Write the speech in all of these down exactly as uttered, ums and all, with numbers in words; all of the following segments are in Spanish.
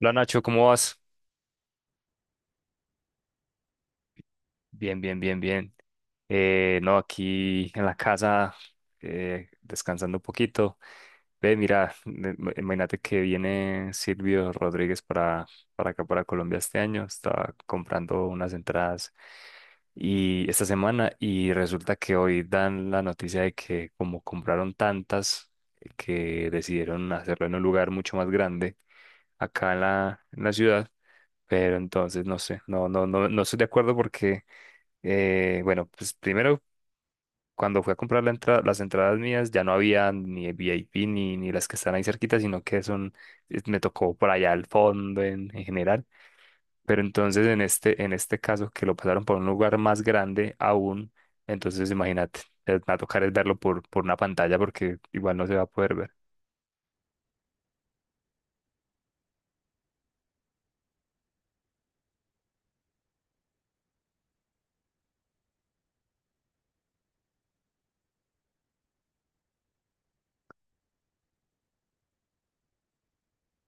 Hola Nacho, ¿cómo vas? Bien, bien, bien, bien. Eh, no, aquí en la casa, eh, descansando un poquito. Ve, mira, me- me- imagínate que viene Silvio Rodríguez para, para acá, para Colombia este año. Estaba comprando unas entradas y esta semana y resulta que hoy dan la noticia de que como compraron tantas, que decidieron hacerlo en un lugar mucho más grande acá en la, en la ciudad. Pero entonces, no sé, no, no, no, no estoy de acuerdo porque, eh, bueno, pues primero, cuando fui a comprar la entrada, las entradas mías, ya no había ni V I P ni, ni las que están ahí cerquita, sino que son, eh, me tocó por allá al fondo en, en general. Pero entonces, en este, en este caso, que lo pasaron por un lugar más grande aún, entonces imagínate, eh, me va a tocar es verlo por, por una pantalla porque igual no se va a poder ver.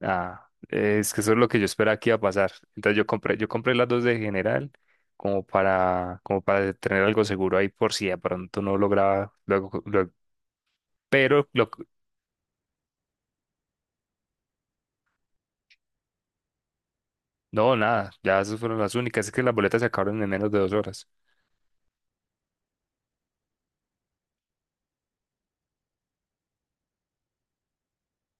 Ah, es que eso es lo que yo esperaba que iba a pasar. Entonces yo compré, yo compré las dos de general como para, como para tener algo seguro ahí por si de pronto no lograba luego, luego- pero lo, no, nada, ya esas fueron las únicas. Es que las boletas se acabaron en menos de dos horas.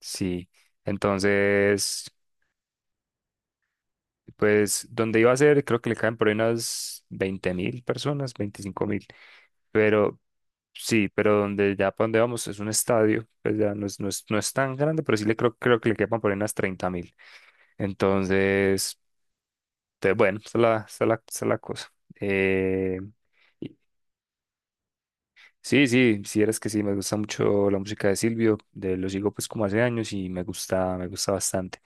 Sí. Entonces, pues donde iba a ser, creo que le caen por ahí unas veinte mil personas, veinticinco mil. Pero sí, pero donde ya para donde vamos es un estadio, pues ya no es, no es, no es tan grande, pero sí le creo, creo que le quepan por ahí unas treinta mil. Entonces, te- bueno, esa es la, esa es la, esa es la cosa. Eh, y- sí, sí, si eres que sí, me gusta mucho la música de Silvio, de, lo sigo pues como hace años y me gusta, me gusta bastante.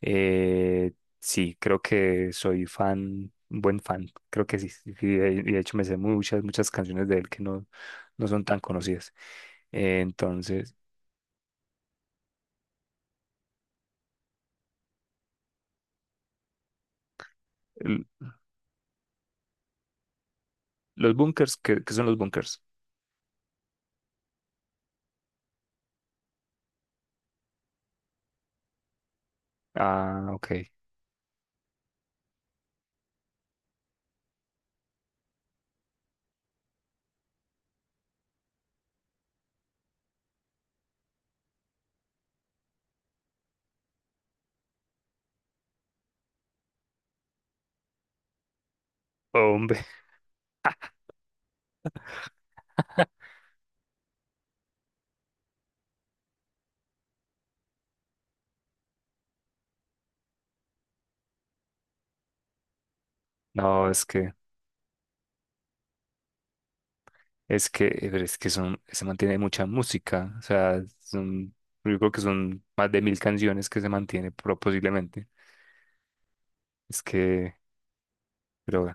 Eh, sí, creo que soy fan, un buen fan, creo que sí, sí, y de, y de hecho me sé muchas, muchas canciones de él que no, no son tan conocidas. Eh, entonces, l- los bunkers, ¿qué, ¿qué son los bunkers? Ah, ok. Hombre, no, es que... Es que, eh, pero es que son, se mantiene mucha música, o sea, son, yo creo que son más de mil canciones que se mantiene pro- posiblemente. Es que, pero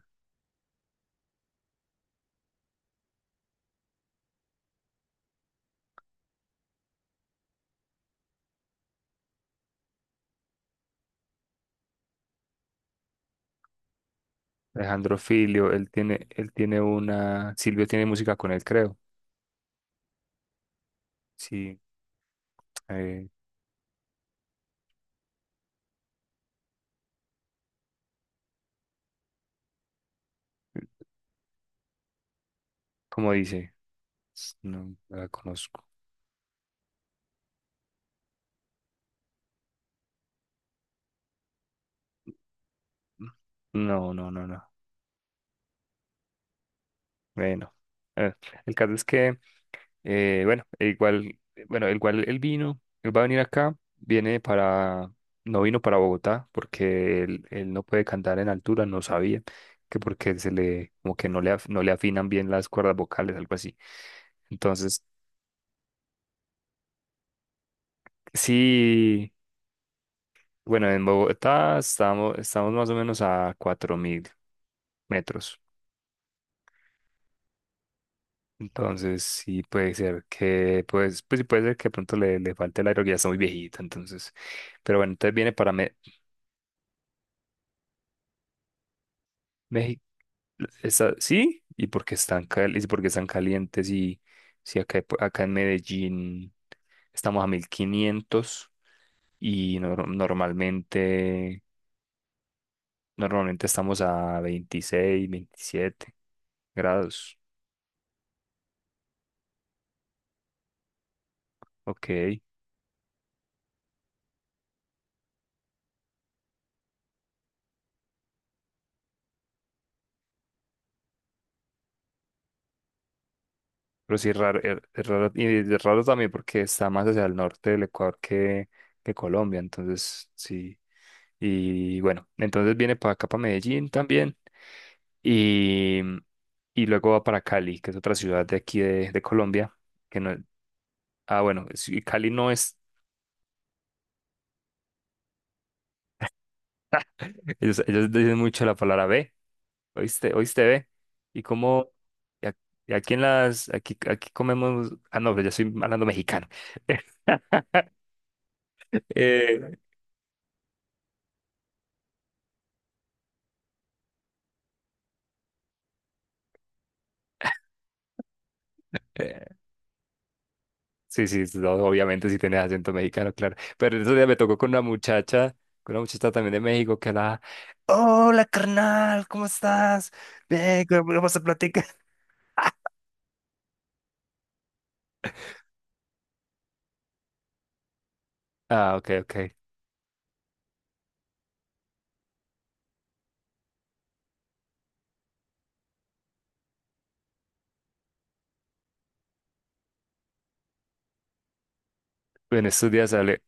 Alejandro Filio, él tiene, él tiene una, Silvio tiene música con él, creo. Sí, eh, ¿cómo dice? S- No, no la conozco. No, no, no, no. Bueno, eh, el caso es que. Eh, bueno, el cual, bueno, el cual él vino, él va a venir acá, viene para, no vino para Bogotá, porque él, él no puede cantar en altura, no sabía, que porque se le, como que no le, af- no le afinan bien las cuerdas vocales, algo así. Entonces, sí, bueno, en Bogotá estamos, estamos más o menos a cuatro mil metros. Entonces, sí puede ser que, pues, pues sí puede ser que de pronto le, le falte el aire, porque ya está muy viejito, entonces. Pero bueno, entonces viene para México. Esa- sí, y porque están, cal- y porque están calientes y si acá, acá en Medellín estamos a mil quinientos y nor- normalmente, normalmente estamos a veintiséis veintisiete grados. Ok. Pero sí, es raro, es es raro, y es raro también porque está más hacia el norte del Ecuador que, que Colombia, entonces sí. Y bueno, entonces viene para acá, para Medellín también, y, y luego va para Cali, que es otra ciudad de aquí de, de Colombia, que no, ah, bueno, sí, Cali no es, ellos, ellos dicen mucho la palabra B, ¿oíste? ¿Oíste B? Y como, y ac- y aquí en las, aquí, aquí comemos, ah, no, pero yo soy hablando mexicano. Eh, Sí, sí, sí, no, obviamente si tienes acento mexicano, claro. Pero eso día me tocó con una muchacha, con una muchacha también de México que la... Hola, carnal, ¿cómo estás? Ven, que vamos a platicar. Ah, ok, ok. Bueno, estos días hablé,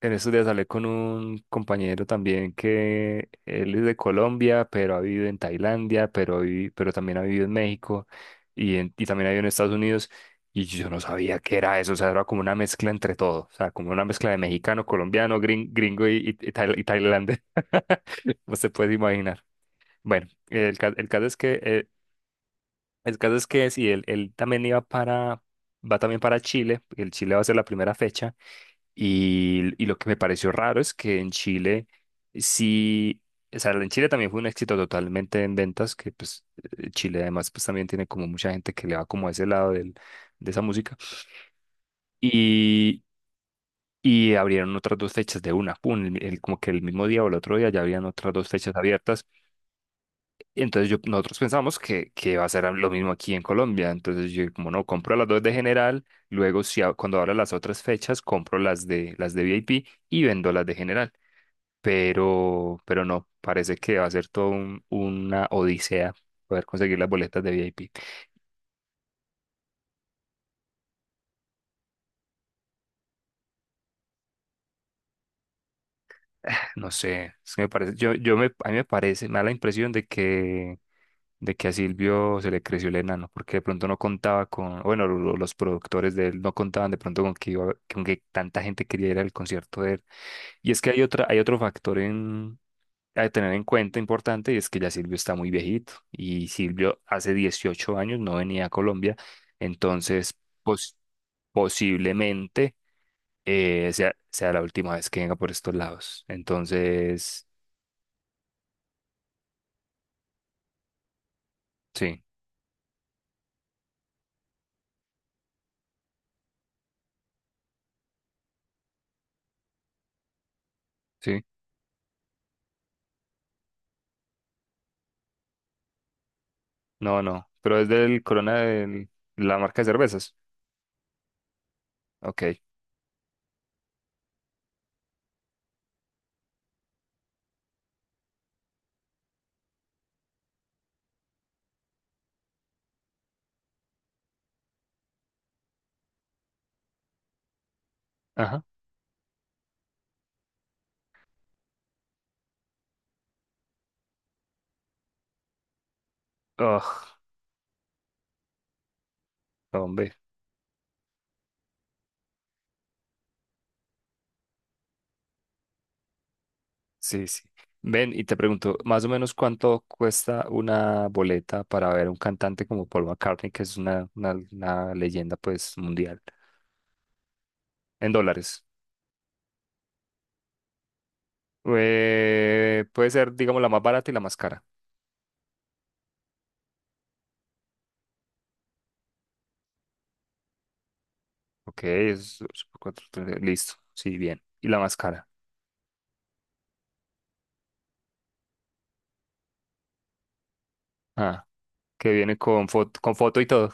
En estos días hablé con un compañero también que él es de Colombia, pero ha vivido en Tailandia, pero, vi- pero también ha vivido en México y, en- y también ha vivido en Estados Unidos. Y yo no sabía qué era eso, o sea, era como una mezcla entre todo, o sea, como una mezcla de mexicano, colombiano, grin- gringo y, y, y tail- y tailandés. No se puede imaginar. Bueno, el, ca- el caso es que, eh, el caso es que sí, él, él también iba para, va también para Chile. El Chile va a ser la primera fecha. Y, y lo que me pareció raro es que en Chile sí, o sea, en Chile también fue un éxito totalmente en ventas, que pues eh, Chile además pues también tiene como mucha gente que le va como a ese lado del, de esa música. Y, y abrieron otras dos fechas de una, pum, el- el- como que el mismo día o el otro día ya habían otras dos fechas abiertas. Entonces yo, nosotros pensamos que, que va a ser lo mismo aquí en Colombia. Entonces yo como no, compro las dos de general, luego si, a- cuando abra las otras fechas, compro las de, las de V I P y vendo las de general. pero, pero no, parece que va a ser todo un- una odisea poder conseguir las boletas de V I P. No sé, es que me parece, yo, yo me, a mí me parece, me da la impresión de que, de que a Silvio se le creció el enano, porque de pronto no contaba con, bueno, lo- lo- los productores de él no contaban de pronto con que iba, con que tanta gente quería ir al concierto de él. Y es que hay otra, hay otro factor a tener en cuenta importante es que ya Silvio está muy viejito y Silvio hace dieciocho años no venía a Colombia, entonces pos- posiblemente eh, sea, sea la última vez que venga por estos lados. Entonces, sí, sí, no, no, pero es del Corona, del- la marca de cervezas. Ok, ajá. Ugh, hombre. Sí, sí. Ven, y te pregunto, más o menos cuánto cuesta una boleta para ver un cantante como Paul McCartney, que es una, una, una leyenda pues mundial, en dólares. Eh, puede ser, digamos, la más barata y la más cara. Ok, es, es cuatro, tres, listo, sí, bien. Y la más cara. Ah, que viene con foto, con foto y todo.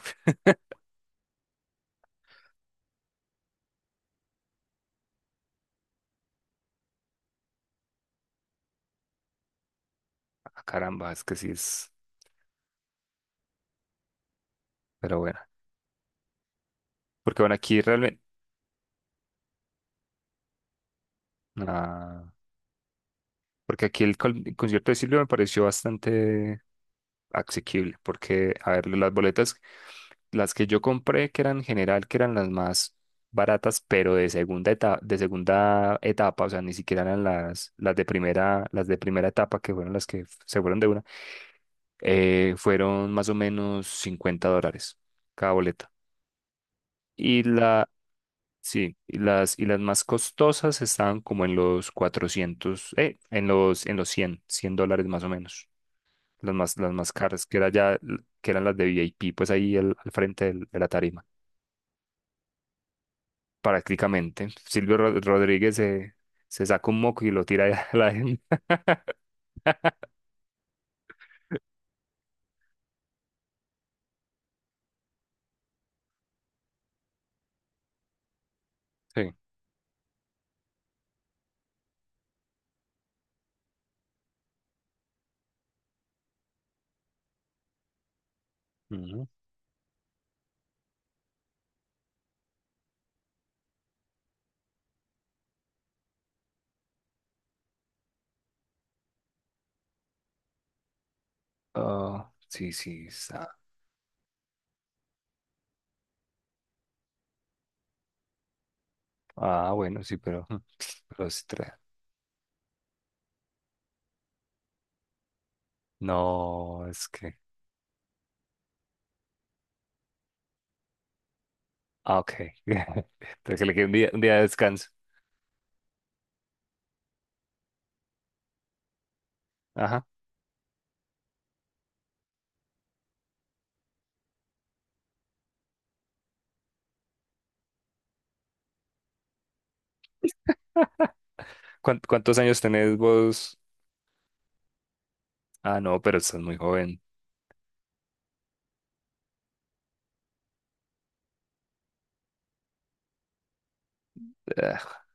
Ah, caramba, es que sí es, pero bueno. Porque bueno, aquí realmente, ah, porque aquí el, con- el concierto de Silvio me pareció bastante asequible, porque, a ver, las boletas, las que yo compré, que eran en general, que eran las más baratas, pero de segunda etapa, de segunda etapa, o sea, ni siquiera eran las, las de primera, las de primera etapa, que fueron las que f- se fueron de una, eh, fueron más o menos cincuenta dólares cada boleta. Y la, sí, y las, y las más costosas estaban como en los cuatrocientos eh, en los, en los cien cien dólares más o menos. las más, las más caras, que era ya, que eran las de V I P pues ahí el al frente del- de la tarima, prácticamente. Silvio Ro- Rodríguez se, se saca un moco y lo tira allá a la gente. Sí. Ujú. Ah, sí, sí, está. Ah, bueno, sí, pero, ujú. pero es tra- No, es que. Ah, ok. Pero que le quede un día, un día de descanso. Ajá. ¿Cuán- ¿Cuántos años tenés vos? Ah, no, pero estás muy joven. Ah,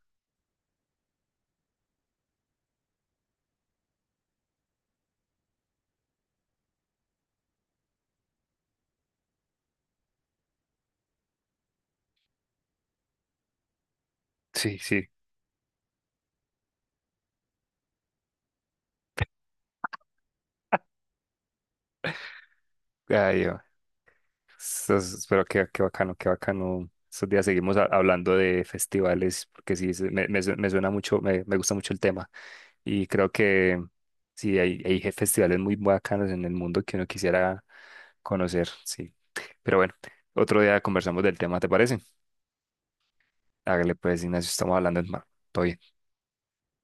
sí, sí. Ay, entonces, pero qué, qué bacano, qué bacano. Estos días seguimos a- hablando de festivales, porque sí, se- me, me su- me suena mucho, me, me gusta mucho el tema. Y creo que sí, hay, hay je- festivales muy bacanos en el mundo que uno quisiera conocer, sí. Pero bueno, otro día conversamos del tema, ¿te parece? Hágale pues, Ignacio, estamos hablando en mar. Todo bien.